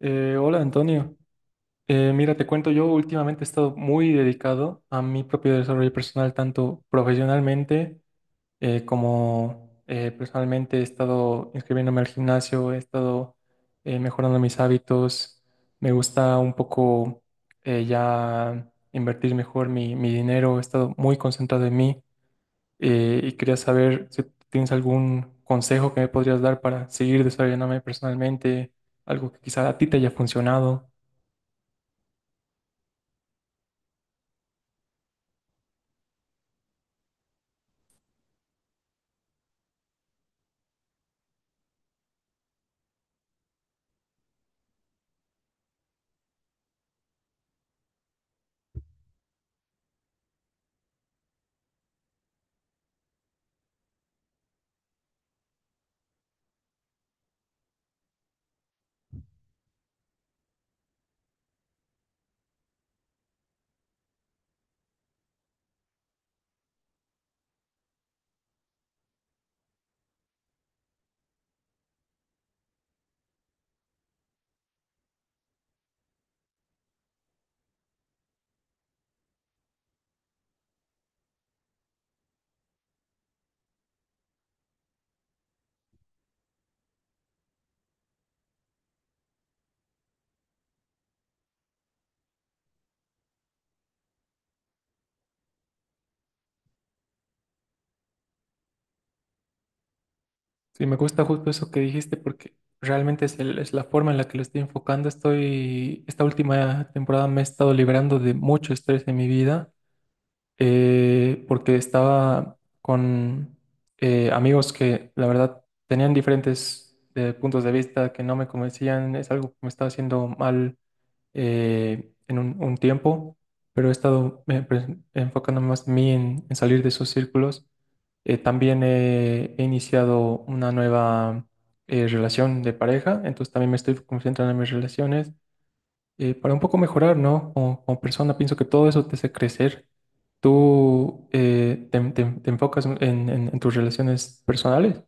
Hola Antonio. Mira, te cuento, yo últimamente he estado muy dedicado a mi propio desarrollo personal, tanto profesionalmente como personalmente. He estado inscribiéndome al gimnasio, he estado mejorando mis hábitos, me gusta un poco ya invertir mejor mi dinero, he estado muy concentrado en mí, y quería saber si tienes algún consejo que me podrías dar para seguir desarrollándome personalmente, algo que quizá a ti te haya funcionado. Sí, me gusta justo eso que dijiste porque realmente es, es la forma en la que lo estoy enfocando. Estoy, esta última temporada me he estado librando de mucho estrés en mi vida, porque estaba con amigos que la verdad tenían diferentes puntos de vista que no me convencían. Es algo que me estaba haciendo mal en un tiempo, pero he estado enfocando más mí en salir de esos círculos. También he iniciado una nueva relación de pareja, entonces también me estoy concentrando en mis relaciones para un poco mejorar, ¿no? Como, como persona, pienso que todo eso te hace crecer. ¿Tú te enfocas en, en tus relaciones personales?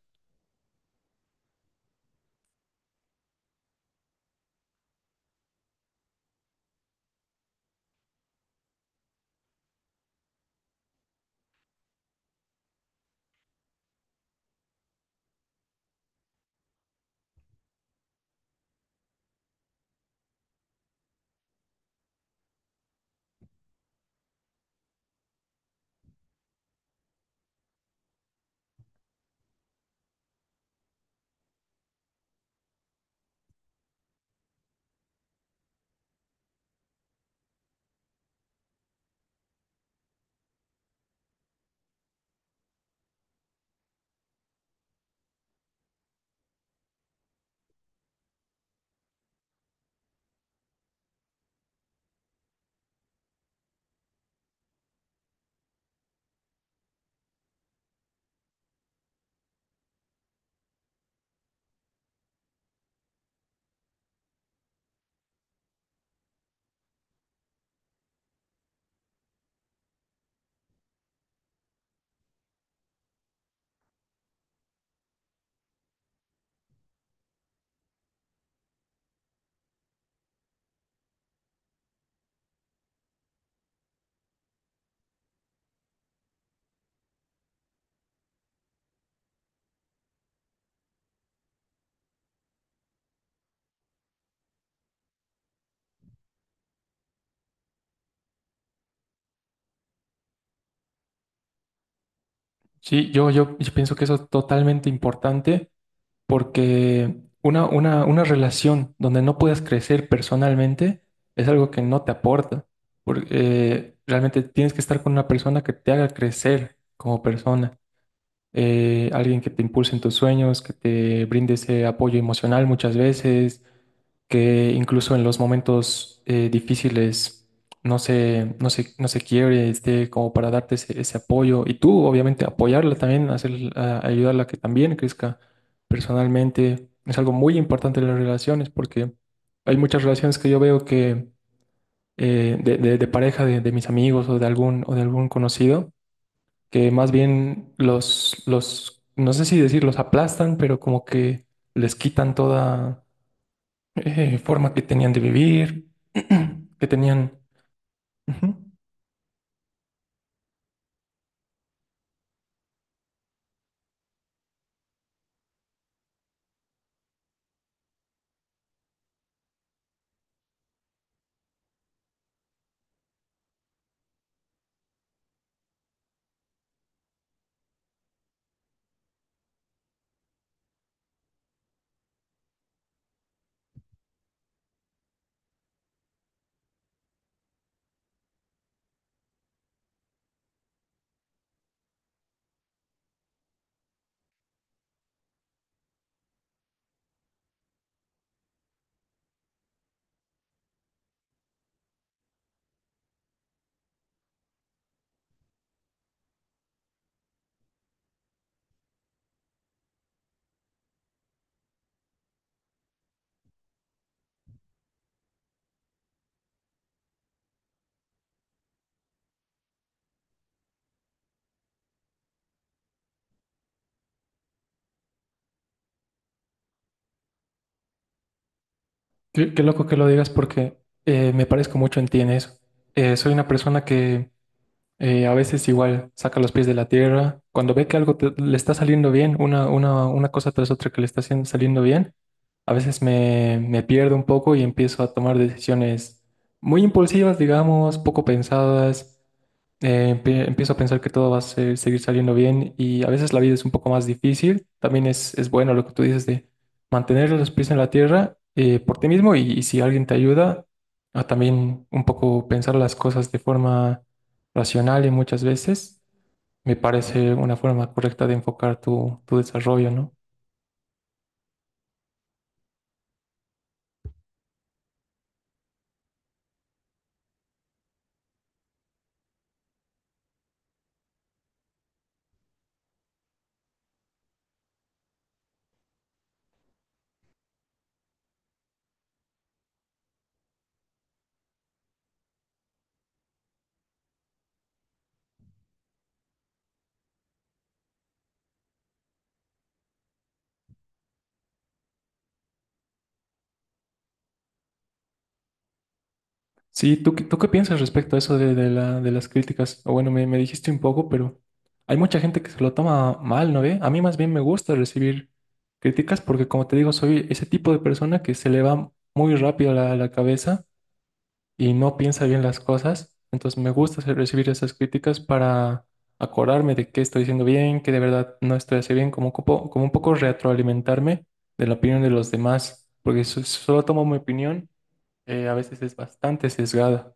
Sí, yo pienso que eso es totalmente importante. Porque una relación donde no puedas crecer personalmente es algo que no te aporta. Porque realmente tienes que estar con una persona que te haga crecer como persona. Alguien que te impulse en tus sueños, que te brinde ese apoyo emocional muchas veces, que incluso en los momentos difíciles no se quiebre, esté como para darte ese apoyo. Y tú, obviamente, apoyarla también, ayudarla a que también crezca personalmente. Es algo muy importante en las relaciones porque hay muchas relaciones que yo veo que de pareja de mis amigos o de algún conocido, que más bien no sé si decir los aplastan, pero como que les quitan toda forma que tenían de vivir, que tenían... Ujú. Qué, qué loco que lo digas porque me parezco mucho en ti en eso. Soy una persona que a veces igual saca los pies de la tierra. Cuando ve que algo le está saliendo bien, una cosa tras otra que le está saliendo bien, a veces me pierdo un poco y empiezo a tomar decisiones muy impulsivas, digamos, poco pensadas. Empiezo a pensar que todo va a seguir saliendo bien y a veces la vida es un poco más difícil. También es bueno lo que tú dices de mantener los pies en la tierra, por ti mismo y si alguien te ayuda, a también un poco pensar las cosas de forma racional y muchas veces me parece una forma correcta de enfocar tu desarrollo, ¿no? Sí, ¿tú, tú qué piensas respecto a eso de, de las críticas? O bueno, me dijiste un poco, pero hay mucha gente que se lo toma mal, ¿no ve? A mí más bien me gusta recibir críticas porque, como te digo, soy ese tipo de persona que se le va muy rápido la cabeza y no piensa bien las cosas. Entonces me gusta recibir esas críticas para acordarme de qué estoy haciendo bien, que de verdad no estoy haciendo bien, como un poco retroalimentarme de la opinión de los demás, porque si solo tomo mi opinión, a veces es bastante sesgada.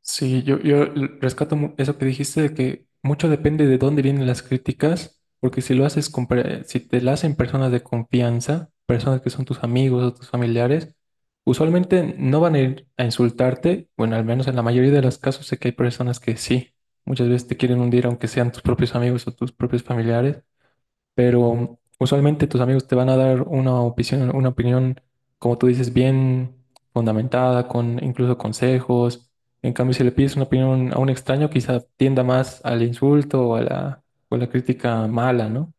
Sí, yo rescato eso que dijiste de que mucho depende de dónde vienen las críticas, porque si lo haces si te la hacen personas de confianza, personas que son tus amigos o tus familiares, usualmente no van a ir a insultarte, bueno, al menos en la mayoría de los casos sé que hay personas que sí, muchas veces te quieren hundir aunque sean tus propios amigos o tus propios familiares, pero usualmente tus amigos te van a dar una opinión, como tú dices, bien fundamentada, con incluso consejos. En cambio, si le pides una opinión a un extraño, quizá tienda más al insulto o a la crítica mala, ¿no?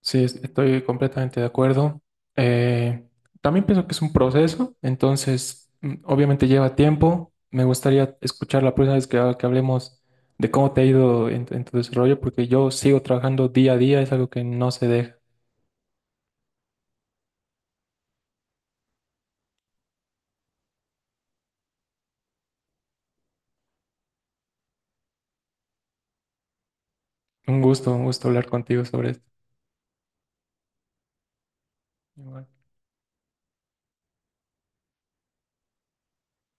Sí, estoy completamente de acuerdo. Eh, también pienso que es un proceso, entonces obviamente lleva tiempo. Me gustaría escuchar la próxima vez que, que hablemos de cómo te ha ido en tu desarrollo, porque yo sigo trabajando día a día, es algo que no se deja. Un gusto hablar contigo sobre esto. Igual.